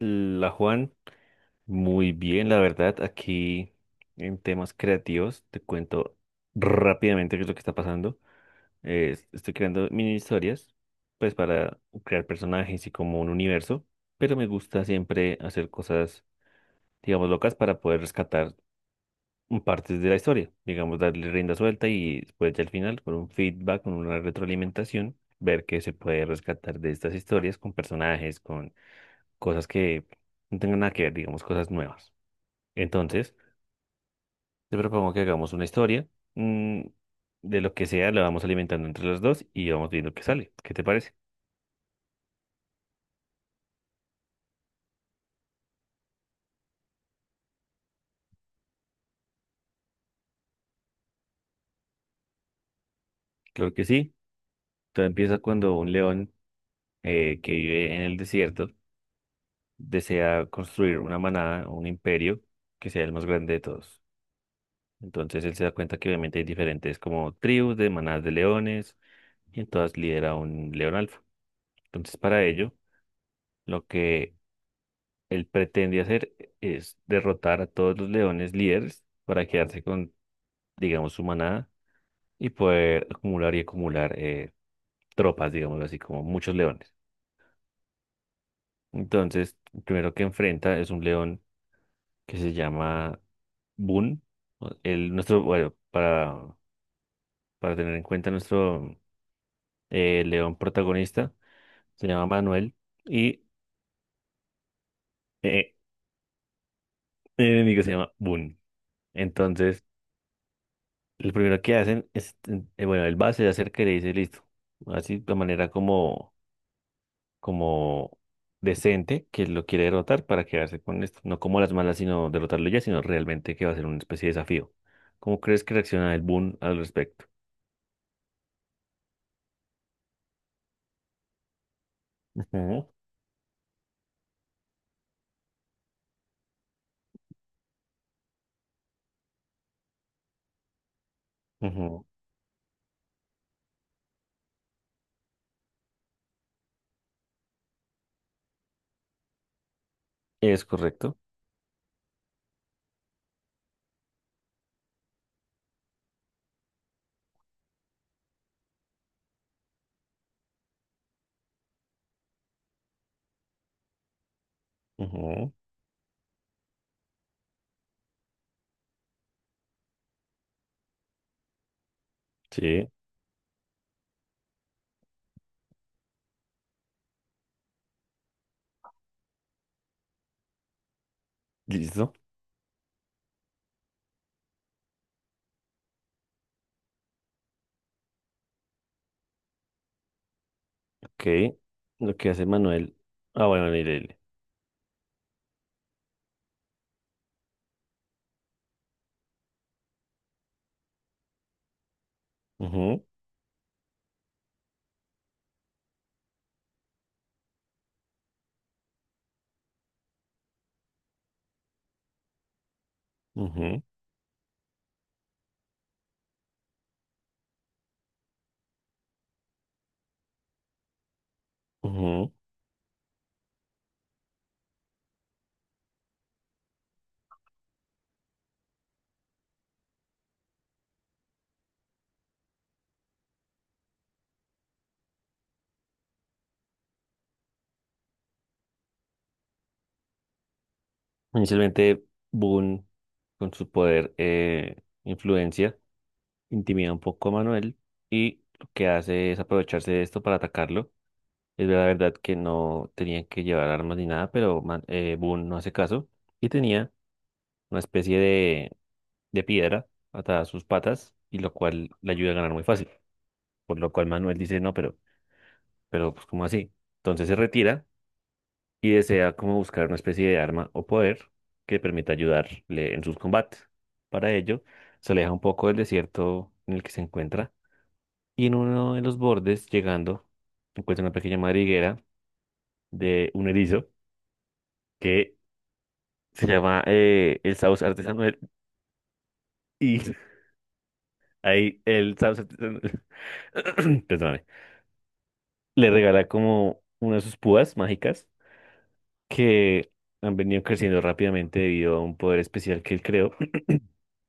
La Juan, muy bien, la verdad, aquí en temas creativos, te cuento rápidamente qué es lo que está pasando. Estoy creando mini historias, pues para crear personajes y como un universo, pero me gusta siempre hacer cosas, digamos, locas para poder rescatar partes de la historia, digamos, darle rienda suelta y después ya al final, con un feedback, con una retroalimentación, ver qué se puede rescatar de estas historias con personajes, con cosas que no tengan nada que ver, digamos, cosas nuevas. Entonces, te propongo que hagamos una historia mm, de lo que sea, la vamos alimentando entre los dos y vamos viendo qué sale. ¿Qué te parece? Creo que sí. Todo empieza cuando un león que vive en el desierto desea construir una manada, un imperio que sea el más grande de todos. Entonces él se da cuenta que obviamente hay diferentes como tribus de manadas de leones y en todas lidera un león alfa. Entonces para ello, lo que él pretende hacer es derrotar a todos los leones líderes para quedarse con, digamos, su manada y poder acumular y acumular tropas, digamos así, como muchos leones. Entonces, el primero que enfrenta es un león que se llama Boone. O- El, nuestro, bueno, para tener en cuenta nuestro león protagonista, se llama Manuel y eh, el enemigo se llama Boone. Entonces, lo primero que hacen es, bueno, el base se acerca y le dice, listo, así de manera como como decente que lo quiere derrotar para quedarse con esto. No como las malas, sino derrotarlo ya, sino realmente que va a ser una especie de desafío. ¿Cómo crees que reacciona el Boon al respecto? Ujú, ujú. Es correcto. Ujú, sí, listo. Ok. Lo que hace Manuel. Ah, bueno, mire. Ujú, ujú, ujú. Inicialmente, Boon, con su poder, influencia, intimida un poco a Manuel y lo que hace es aprovecharse de esto para atacarlo. Es la verdad que no tenían que llevar armas ni nada, pero Boone no hace caso y tenía una especie de piedra atada a sus patas y lo cual le ayuda a ganar muy fácil. Por lo cual Manuel dice, no, pero pues ¿cómo así? Entonces se retira y desea como buscar una especie de arma o poder que permita ayudarle en sus combates. Para ello, se aleja un poco del desierto en el que se encuentra y en uno de los bordes, llegando, encuentra una pequeña madriguera de un erizo que se llama el Saus Artesanal y ahí el Saus Artesanal, perdóname, le regala como una de sus púas mágicas que han venido creciendo rápidamente debido a un poder especial que él creó,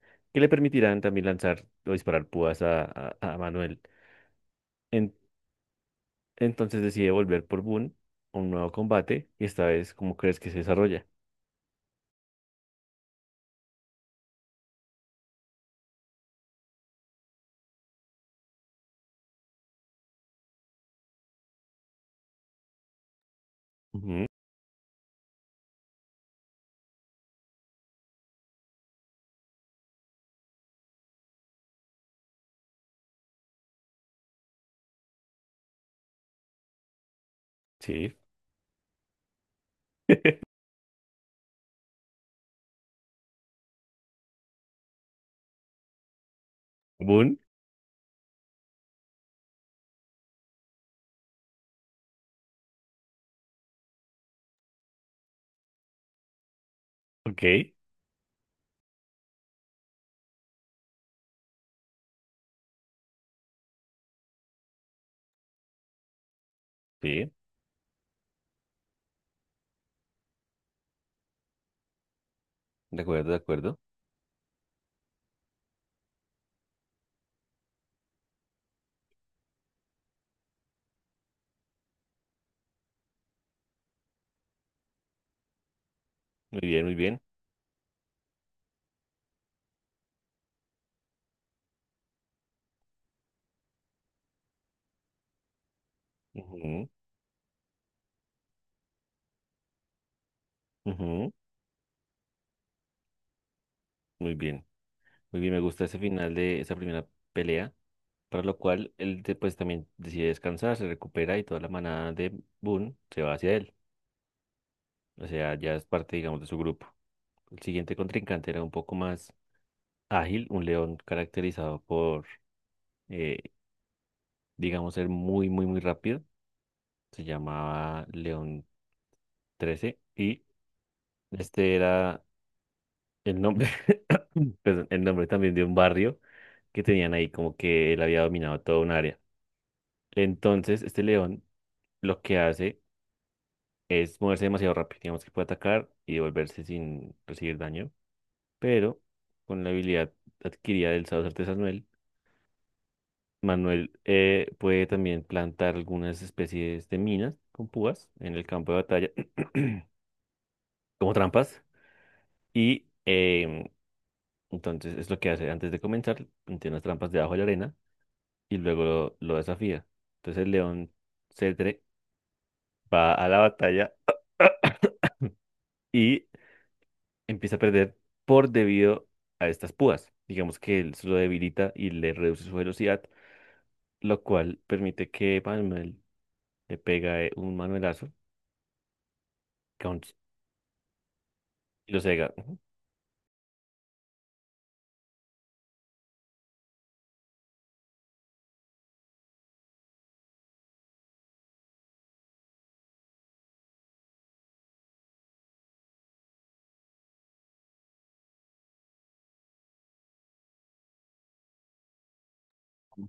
que le permitirán también lanzar o disparar púas a Manuel. En- entonces decide volver por Boon a un nuevo combate y esta vez, ¿cómo crees que se desarrolla? Ujú, sí. Boon, ok, sí, de acuerdo, de acuerdo. Muy bien, muy bien. Ujú, ujú, muy bien. Muy bien, me gusta ese final de esa primera pelea, para lo cual pues también decide descansar, se recupera y toda la manada de Boone se va hacia él. O sea, ya es parte, digamos, de su grupo. El siguiente contrincante era un poco más ágil, un león caracterizado por, eh, digamos, ser muy, muy, muy rápido. Se llamaba León 13 y este era el nombre, perdón, el nombre también de un barrio que tenían ahí, como que él había dominado toda un área. Entonces, este león lo que hace es moverse demasiado rápido. Digamos que puede atacar y devolverse sin recibir daño, pero con la habilidad adquirida del sacerdote Samuel, Manuel puede también plantar algunas especies de minas con púas en el campo de batalla, como trampas, y entonces es lo que hace antes de comenzar, plantea unas trampas debajo de la arena y luego lo desafía. Entonces el león cetre va a la batalla. Y empieza a perder por debido a estas púas. Digamos que él se lo debilita y le reduce su velocidad, lo cual permite que Manuel le pega un manuelazo con- y lo cega.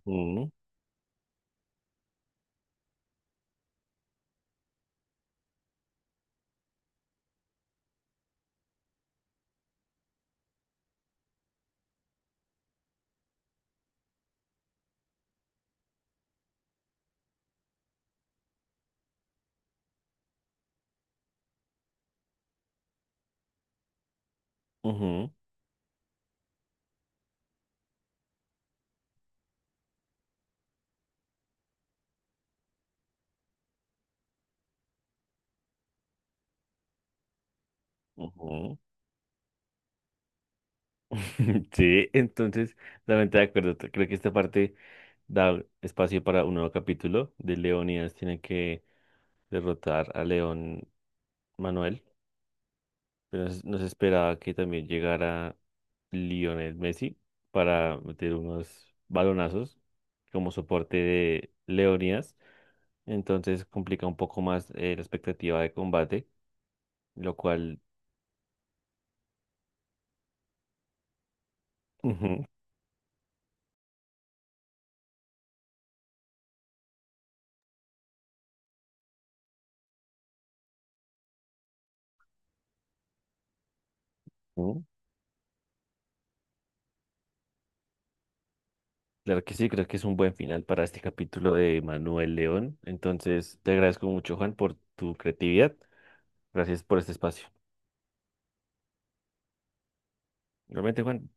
Ujú, ujú, ujú. Sí, entonces, totalmente de acuerdo. Creo que esta parte da espacio para un nuevo capítulo de Leonidas. Tiene que derrotar a León Manuel. Pero nos esperaba que también llegara Lionel Messi para meter unos balonazos como soporte de Leonidas. Entonces complica un poco más la expectativa de combate, lo cual, ujú, ujú. Claro que sí, creo que es un buen final para este capítulo de Manuel León. Entonces te agradezco mucho, Juan, por tu creatividad. Gracias por este espacio. Realmente, Juan.